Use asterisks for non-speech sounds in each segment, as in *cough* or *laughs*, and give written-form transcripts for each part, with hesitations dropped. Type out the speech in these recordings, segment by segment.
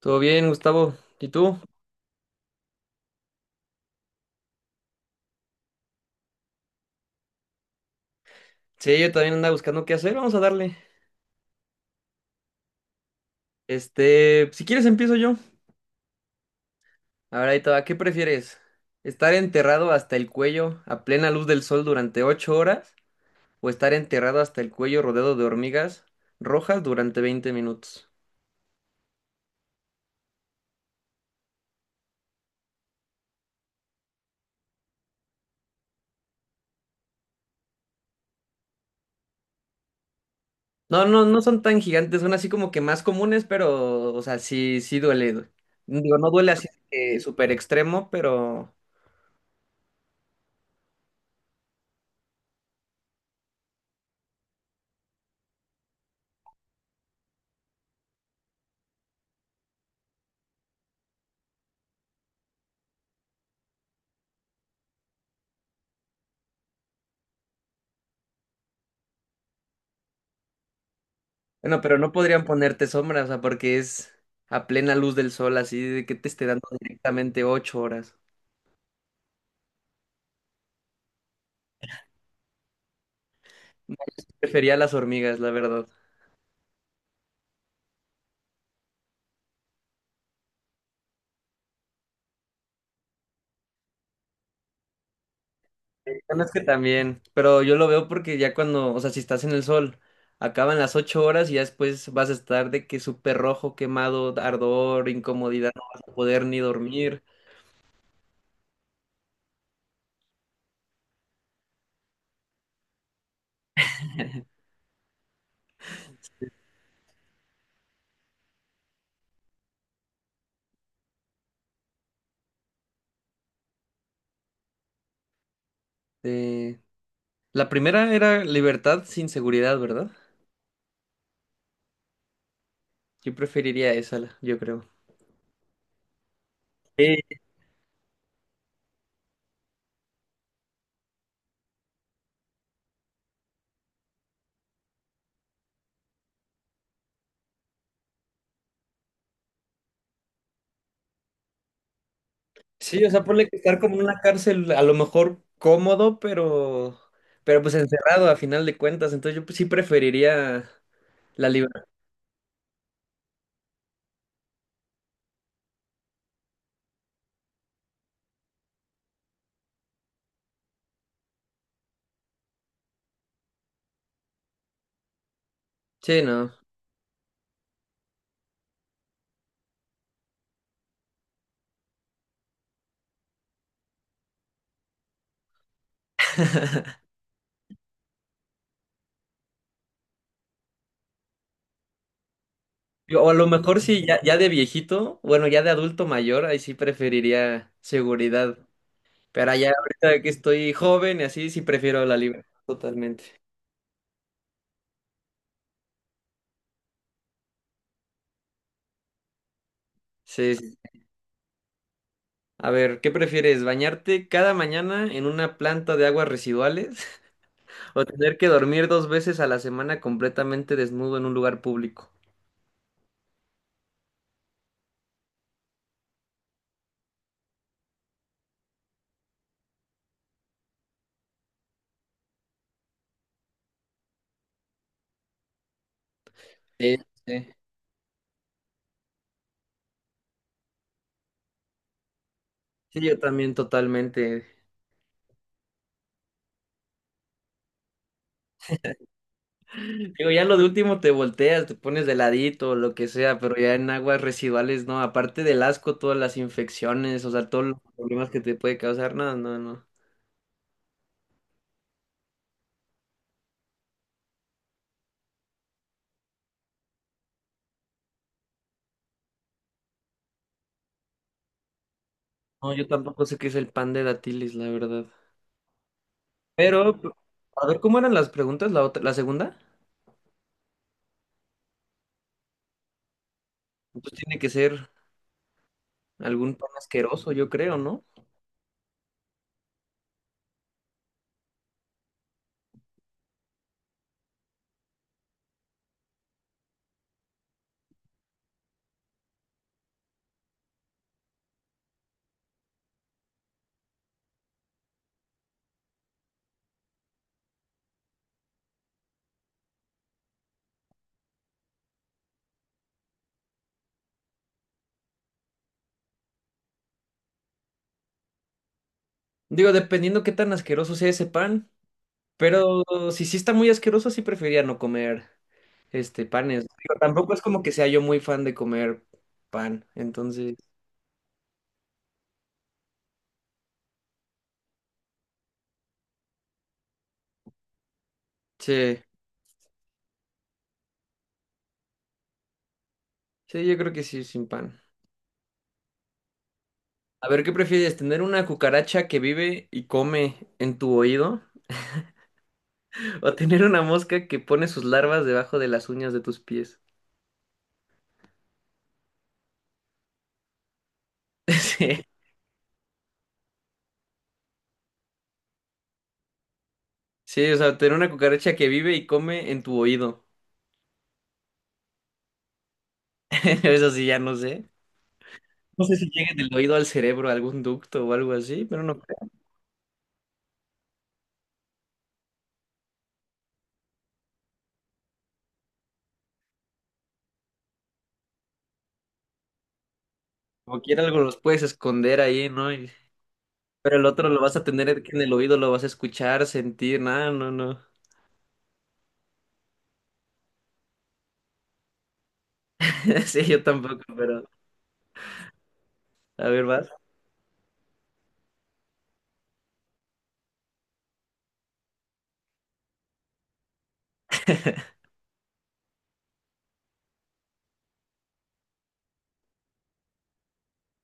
Todo bien, Gustavo. ¿Y tú? Sí, yo también andaba buscando qué hacer. Vamos a darle. Si quieres empiezo yo. A ver, ahí te va. ¿Qué prefieres? ¿Estar enterrado hasta el cuello a plena luz del sol durante 8 horas? ¿O estar enterrado hasta el cuello rodeado de hormigas rojas durante 20 minutos? No, no, no son tan gigantes, son así como que más comunes, pero, o sea, sí, sí duele. Digo, no duele así de que súper extremo, pero bueno, pero no podrían ponerte sombra, o sea, porque es a plena luz del sol, así de que te esté dando directamente 8 horas. No, yo sí prefería las hormigas, la verdad. Bueno, es que también, pero yo lo veo porque ya cuando, o sea, si estás en el sol, acaban las 8 horas y ya después vas a estar de que súper rojo, quemado, ardor, incomodidad, no vas a poder ni dormir. Eh, la primera era libertad sin seguridad, ¿verdad? Yo preferiría esa, yo creo. Sí, o sea, ponle que estar como en una cárcel, a lo mejor cómodo, pero pues encerrado a final de cuentas. Entonces yo pues, sí preferiría la libertad. Sí, no. *laughs* O a lo mejor sí, ya, ya de viejito, bueno, ya de adulto mayor, ahí sí preferiría seguridad. Pero ya ahorita que estoy joven y así, sí prefiero la libertad totalmente. Sí, sí. A ver, ¿qué prefieres? ¿Bañarte cada mañana en una planta de aguas residuales *laughs* o tener que dormir dos veces a la semana completamente desnudo en un lugar público? Sí, sí. Sí, yo también totalmente. Digo, ya lo de último te volteas, te pones de ladito, o lo que sea, pero ya en aguas residuales, no, aparte del asco, todas las infecciones, o sea, todos los problemas que te puede causar, no, no, no. No, yo tampoco sé qué es el pan de dátiles, la verdad. Pero, a ver, ¿cómo eran las preguntas, la otra, la segunda? Entonces tiene que ser algún pan asqueroso, yo creo, ¿no? Digo, dependiendo qué tan asqueroso sea ese pan, pero si sí está muy asqueroso, sí preferiría no comer. Panes. Digo, tampoco es como que sea yo muy fan de comer pan, entonces, sí, sí, yo creo que sí, sin pan. A ver, ¿qué prefieres? ¿Tener una cucaracha que vive y come en tu oído? *laughs* ¿O tener una mosca que pone sus larvas debajo de las uñas de tus pies? *laughs* Sí, sí, o sea, tener una cucaracha que vive y come en tu oído. *laughs* Eso sí, ya no sé. No sé si llegue del oído al cerebro algún ducto o algo así, pero no creo. Como quiera algo los puedes esconder ahí, ¿no? Y pero el otro lo vas a tener en el oído, lo vas a escuchar, sentir, nada, no, no. *laughs* Sí, yo tampoco, pero a ver, vas.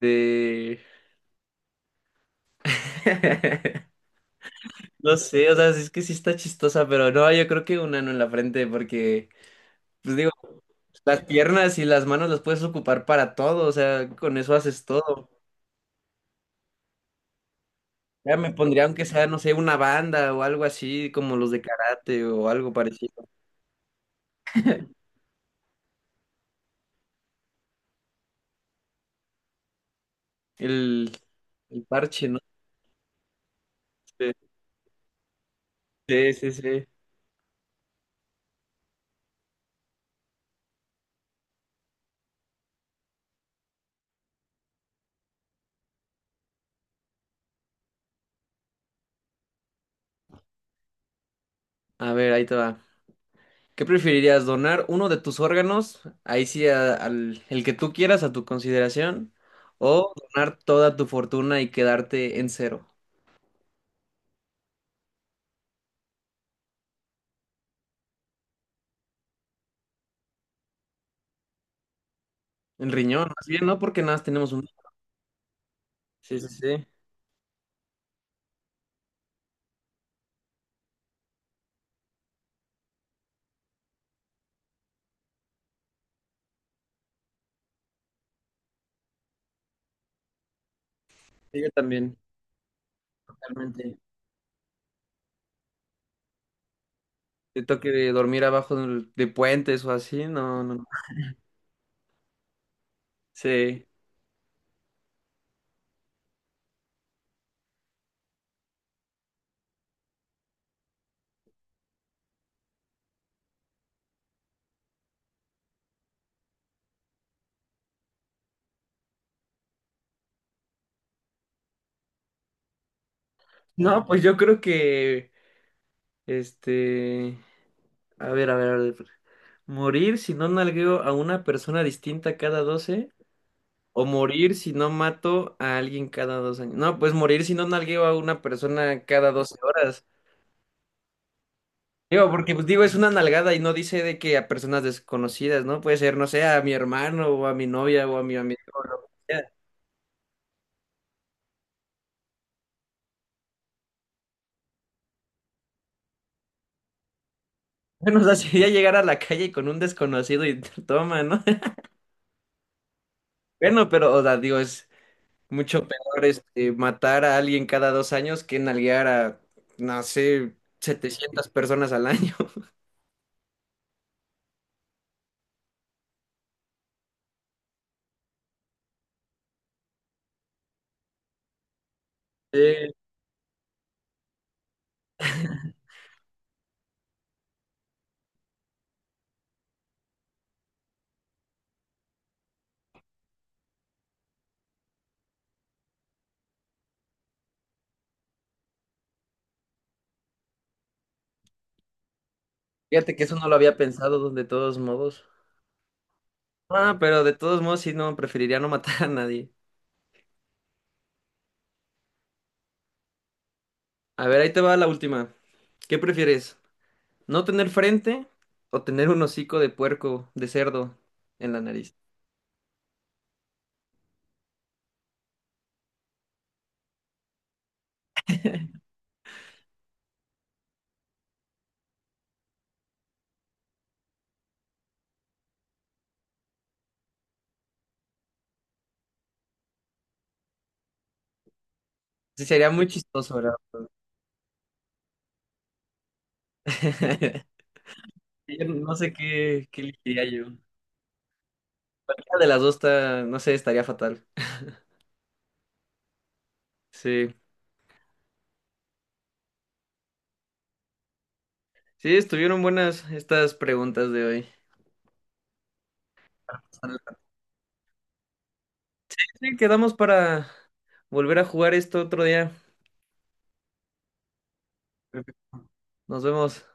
De... *laughs* No sé, o sea, es que sí está chistosa, pero no, yo creo que un ano en la frente, porque, pues digo, las piernas y las manos las puedes ocupar para todo, o sea, con eso haces todo. Ya me pondría, aunque sea, no sé, una banda o algo así, como los de karate o algo parecido. El, el parche, ¿no? Sí, sí, sí, sí. A ver, ahí te va. ¿Qué preferirías, donar uno de tus órganos, ahí sí al el que tú quieras a tu consideración, o donar toda tu fortuna y quedarte en cero? En riñón, más bien, ¿no? Porque nada más tenemos un... Sí, sí, sí. Sí, yo también, totalmente. Te toque dormir abajo de, puentes o así, no, no, no. Sí. No, pues yo creo que, este, a ver, a ver, a ver. Morir si no nalgueo a una persona distinta cada 12 o morir si no mato a alguien cada 2 años. No, pues morir si no nalgueo a una persona cada 12 horas. Digo, porque pues digo, es una nalgada y no dice de que a personas desconocidas, ¿no? Puede ser, no sé, a mi hermano o a mi novia o a mi amigo o lo que sea. *laughs* Bueno, o sea, *laughs* sería llegar a la calle con un desconocido y *laughs* toma, ¿no? *laughs* Bueno, pero, o sea, digo, es mucho peor matar a alguien cada dos años que nalguear a, no sé, 700 personas al año. *laughs* Sí, fíjate que eso no lo había pensado de todos modos. Ah, pero de todos modos, sí, no, preferiría no matar a nadie. A ver, ahí te va la última. ¿Qué prefieres? ¿No tener frente o tener un hocico de puerco, de cerdo, en la nariz? Sí, sería muy chistoso, ¿verdad? *laughs* Yo no sé qué, qué elegiría yo. Cualquiera de las dos está, no sé, estaría fatal. Sí. Sí, estuvieron buenas estas preguntas de hoy. Sí, quedamos para volver a jugar esto otro día. Perfecto. Nos vemos.